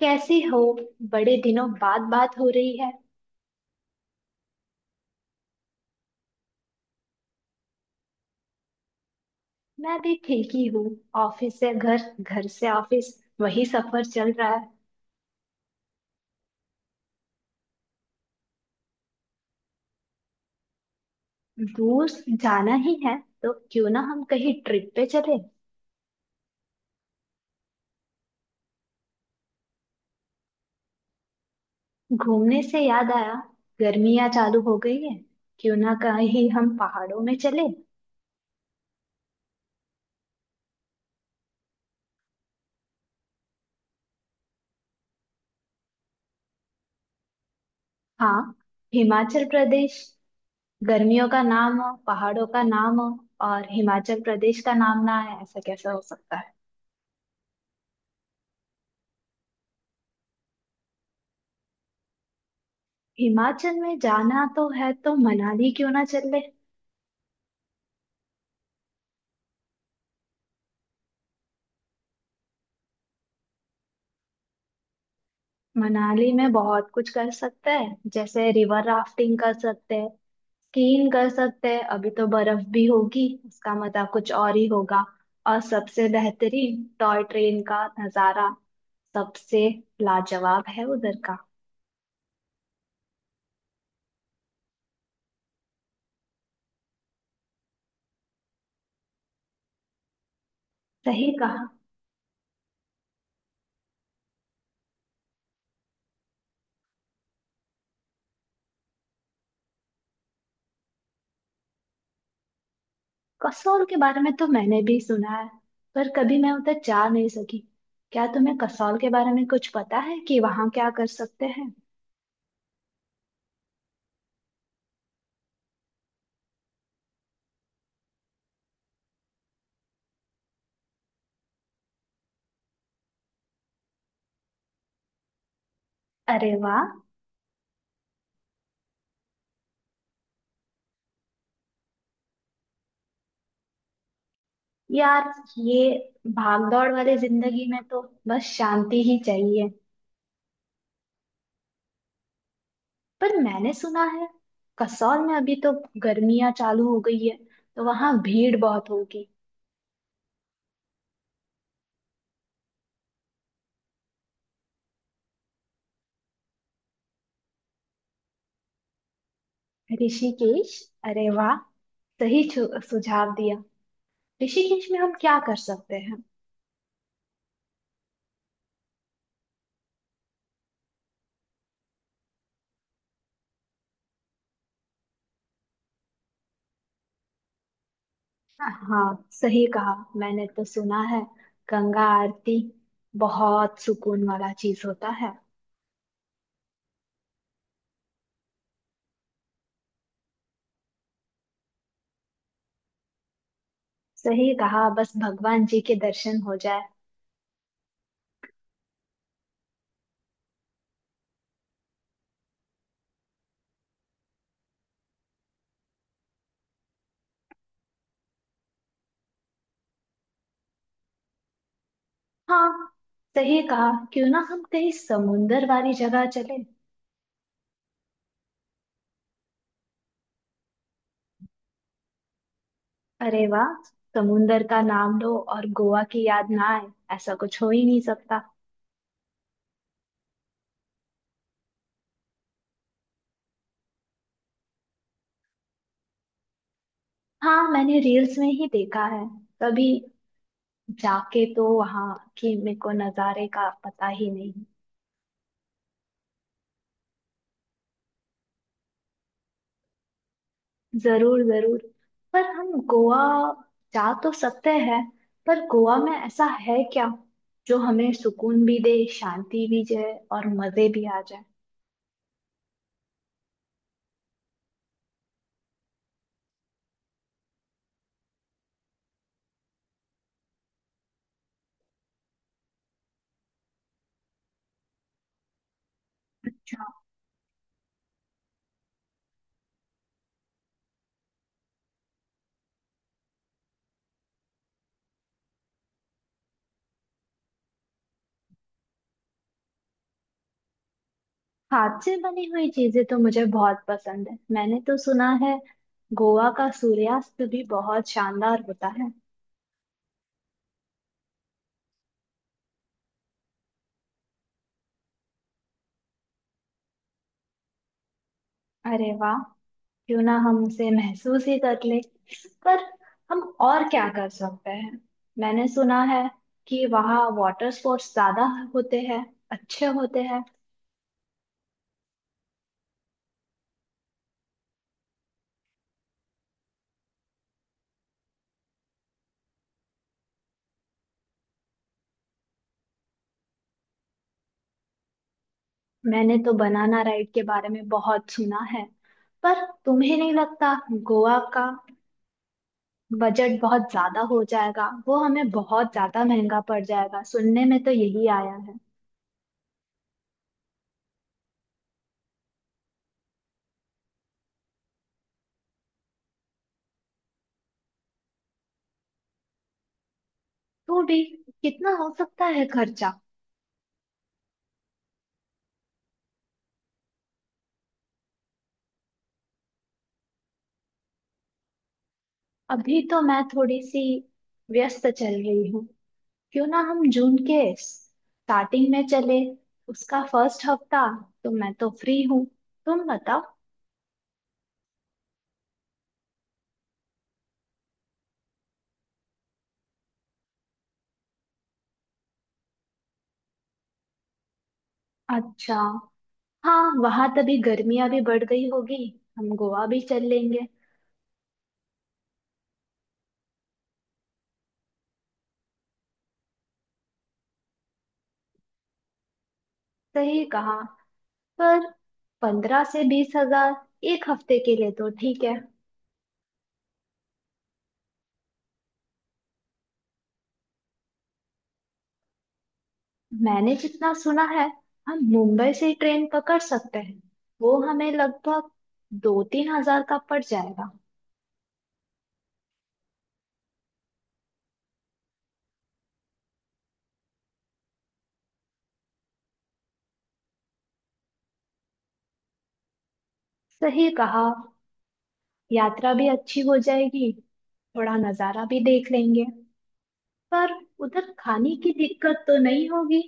कैसे हो। बड़े दिनों बाद बात हो रही है। मैं भी ठीक ही हूँ। ऑफिस से घर, घर से ऑफिस, वही सफर चल रहा है। दूर जाना ही है तो क्यों ना हम कहीं ट्रिप पे चले। घूमने से याद आया, गर्मियाँ चालू हो गई है, क्यों ना कहीं हम पहाड़ों में चले। हाँ, हिमाचल प्रदेश। गर्मियों का नाम हो, पहाड़ों का नाम हो, और हिमाचल प्रदेश का नाम ना है, ऐसा कैसा हो सकता है। हिमाचल में जाना तो है तो मनाली क्यों ना चल ले। मनाली में बहुत कुछ कर सकते हैं, जैसे रिवर राफ्टिंग कर सकते हैं, स्कीइंग कर सकते हैं, अभी तो बर्फ भी होगी, उसका मजा कुछ और ही होगा। और सबसे बेहतरीन टॉय ट्रेन का नजारा, सबसे लाजवाब है उधर का। सही कहा। कसौल के बारे में तो मैंने भी सुना है, पर कभी मैं उधर जा नहीं सकी। क्या तुम्हें कसौल के बारे में कुछ पता है कि वहाँ क्या कर सकते हैं। अरे वाह। यार, ये भागदौड़ वाली जिंदगी में तो बस शांति ही चाहिए। पर मैंने सुना है कसौल में अभी तो गर्मियां चालू हो गई है, तो वहां भीड़ बहुत होगी। ऋषिकेश, अरे वाह, सही सुझाव दिया। ऋषिकेश में हम क्या कर सकते हैं। हाँ सही कहा। मैंने तो सुना है गंगा आरती बहुत सुकून वाला चीज होता है। सही कहा, बस भगवान जी के दर्शन हो जाए। हाँ सही कहा, क्यों ना हम कहीं समुंदर वाली जगह चले। अरे वाह, समुंदर का नाम लो और गोवा की याद ना आए, ऐसा कुछ हो ही नहीं सकता। हाँ, मैंने रील्स में ही देखा है, कभी जाके तो वहाँ की मेरे को नज़ारे का पता ही नहीं। जरूर जरूर। पर हम गोवा जा तो सकते हैं, पर गोवा में ऐसा है क्या जो हमें सुकून भी दे, शांति भी दे, और मजे भी आ जाए। अच्छा। हाथ से बनी हुई चीजें तो मुझे बहुत पसंद है। मैंने तो सुना है गोवा का सूर्यास्त भी बहुत शानदार होता है। अरे वाह, क्यों ना हम उसे महसूस ही कर ले। पर हम और क्या कर सकते हैं। मैंने सुना है कि वहाँ वाटर स्पोर्ट्स ज्यादा होते हैं, अच्छे होते हैं। मैंने तो बनाना राइड के बारे में बहुत सुना है। पर तुम्हें नहीं लगता गोवा का बजट बहुत ज्यादा हो जाएगा, वो हमें बहुत ज्यादा महंगा पड़ जाएगा, सुनने में तो यही आया है। तो भी कितना हो सकता है खर्चा। अभी तो मैं थोड़ी सी व्यस्त चल रही हूँ, क्यों ना हम जून के स्टार्टिंग में चले। उसका फर्स्ट हफ्ता तो मैं तो फ्री हूँ, तुम बताओ। अच्छा, हाँ, वहां तभी गर्मियां भी बढ़ गई होगी, हम गोवा भी चल लेंगे। सही कहा। पर 15 से 20 हजार एक हफ्ते के लिए तो ठीक है। मैंने जितना सुना है, हम मुंबई से ट्रेन पकड़ सकते हैं, वो हमें लगभग 2 3 हजार का पड़ जाएगा। सही कहा, यात्रा भी अच्छी हो जाएगी, थोड़ा नज़ारा भी देख लेंगे। पर उधर खाने की दिक्कत तो नहीं होगी।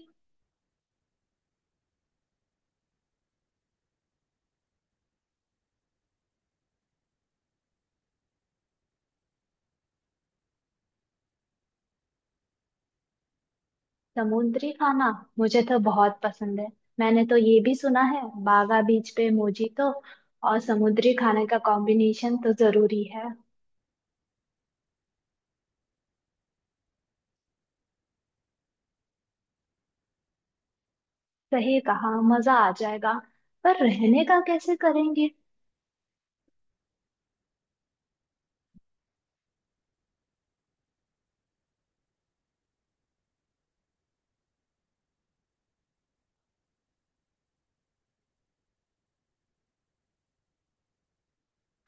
समुद्री खाना मुझे तो बहुत पसंद है। मैंने तो ये भी सुना है बागा बीच पे मोजीतो और समुद्री खाने का कॉम्बिनेशन तो जरूरी है। सही कहा, मजा आ जाएगा। पर रहने का कैसे करेंगे।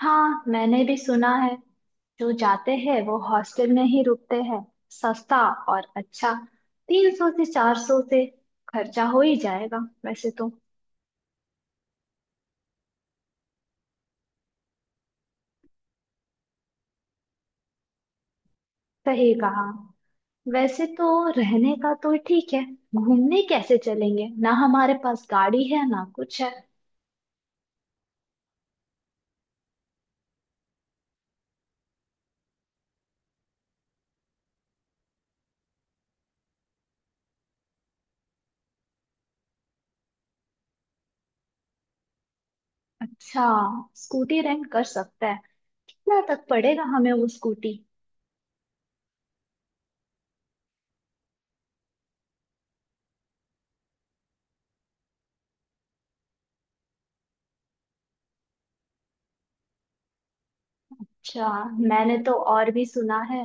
हाँ मैंने भी सुना है, जो जाते हैं वो हॉस्टल में ही रुकते हैं, सस्ता और अच्छा। 300 से 400 से खर्चा हो ही जाएगा वैसे तो। सही कहा, वैसे तो रहने का तो ठीक है। घूमने कैसे चलेंगे, ना हमारे पास गाड़ी है ना कुछ है। अच्छा, स्कूटी रेंट कर सकते हैं। कितना तक पड़ेगा हमें वो स्कूटी। अच्छा, मैंने तो और भी सुना है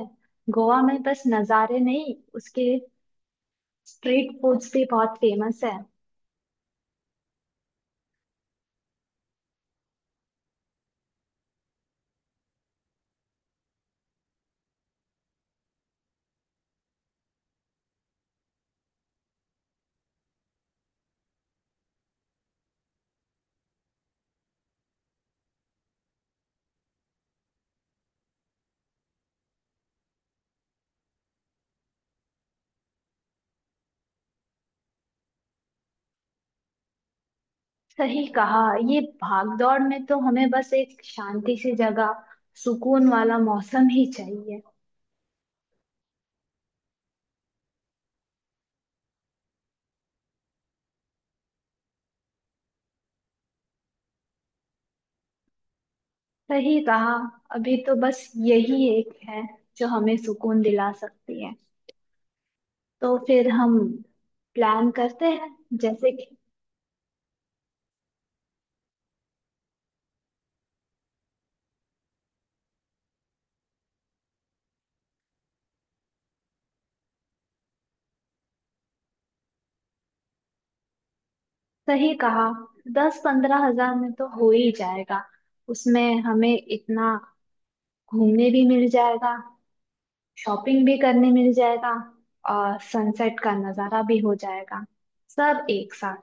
गोवा में बस नज़ारे नहीं, उसके स्ट्रीट फूड से बहुत फेमस है। सही कहा, ये भागदौड़ में तो हमें बस एक शांति सी जगह, सुकून वाला मौसम ही चाहिए। सही कहा, अभी तो बस यही एक है जो हमें सुकून दिला सकती है, तो फिर हम प्लान करते हैं। जैसे कि। सही कहा, 10 15 हजार में तो हो ही जाएगा। उसमें हमें इतना घूमने भी मिल जाएगा, शॉपिंग भी करने मिल जाएगा, और सनसेट का नज़ारा भी हो जाएगा, सब एक साथ।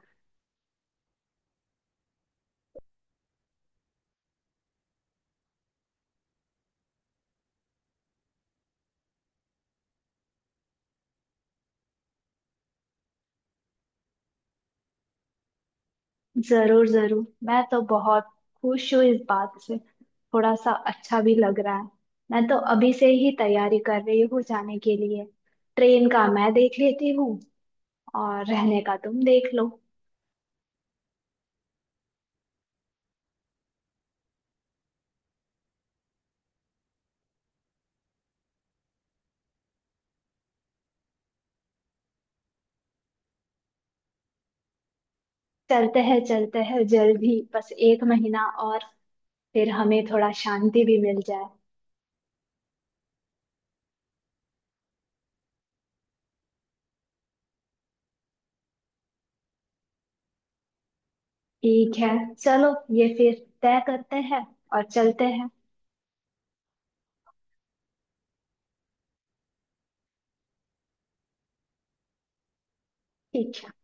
जरूर जरूर, मैं तो बहुत खुश हूँ इस बात से, थोड़ा सा अच्छा भी लग रहा है। मैं तो अभी से ही तैयारी कर रही हूँ जाने के लिए। ट्रेन का मैं देख लेती हूँ और रहने का तुम देख लो। चलते हैं जल्द ही, बस एक महीना और, फिर हमें थोड़ा शांति भी मिल जाए। ठीक है चलो, ये फिर तय करते हैं और चलते हैं। ठीक है।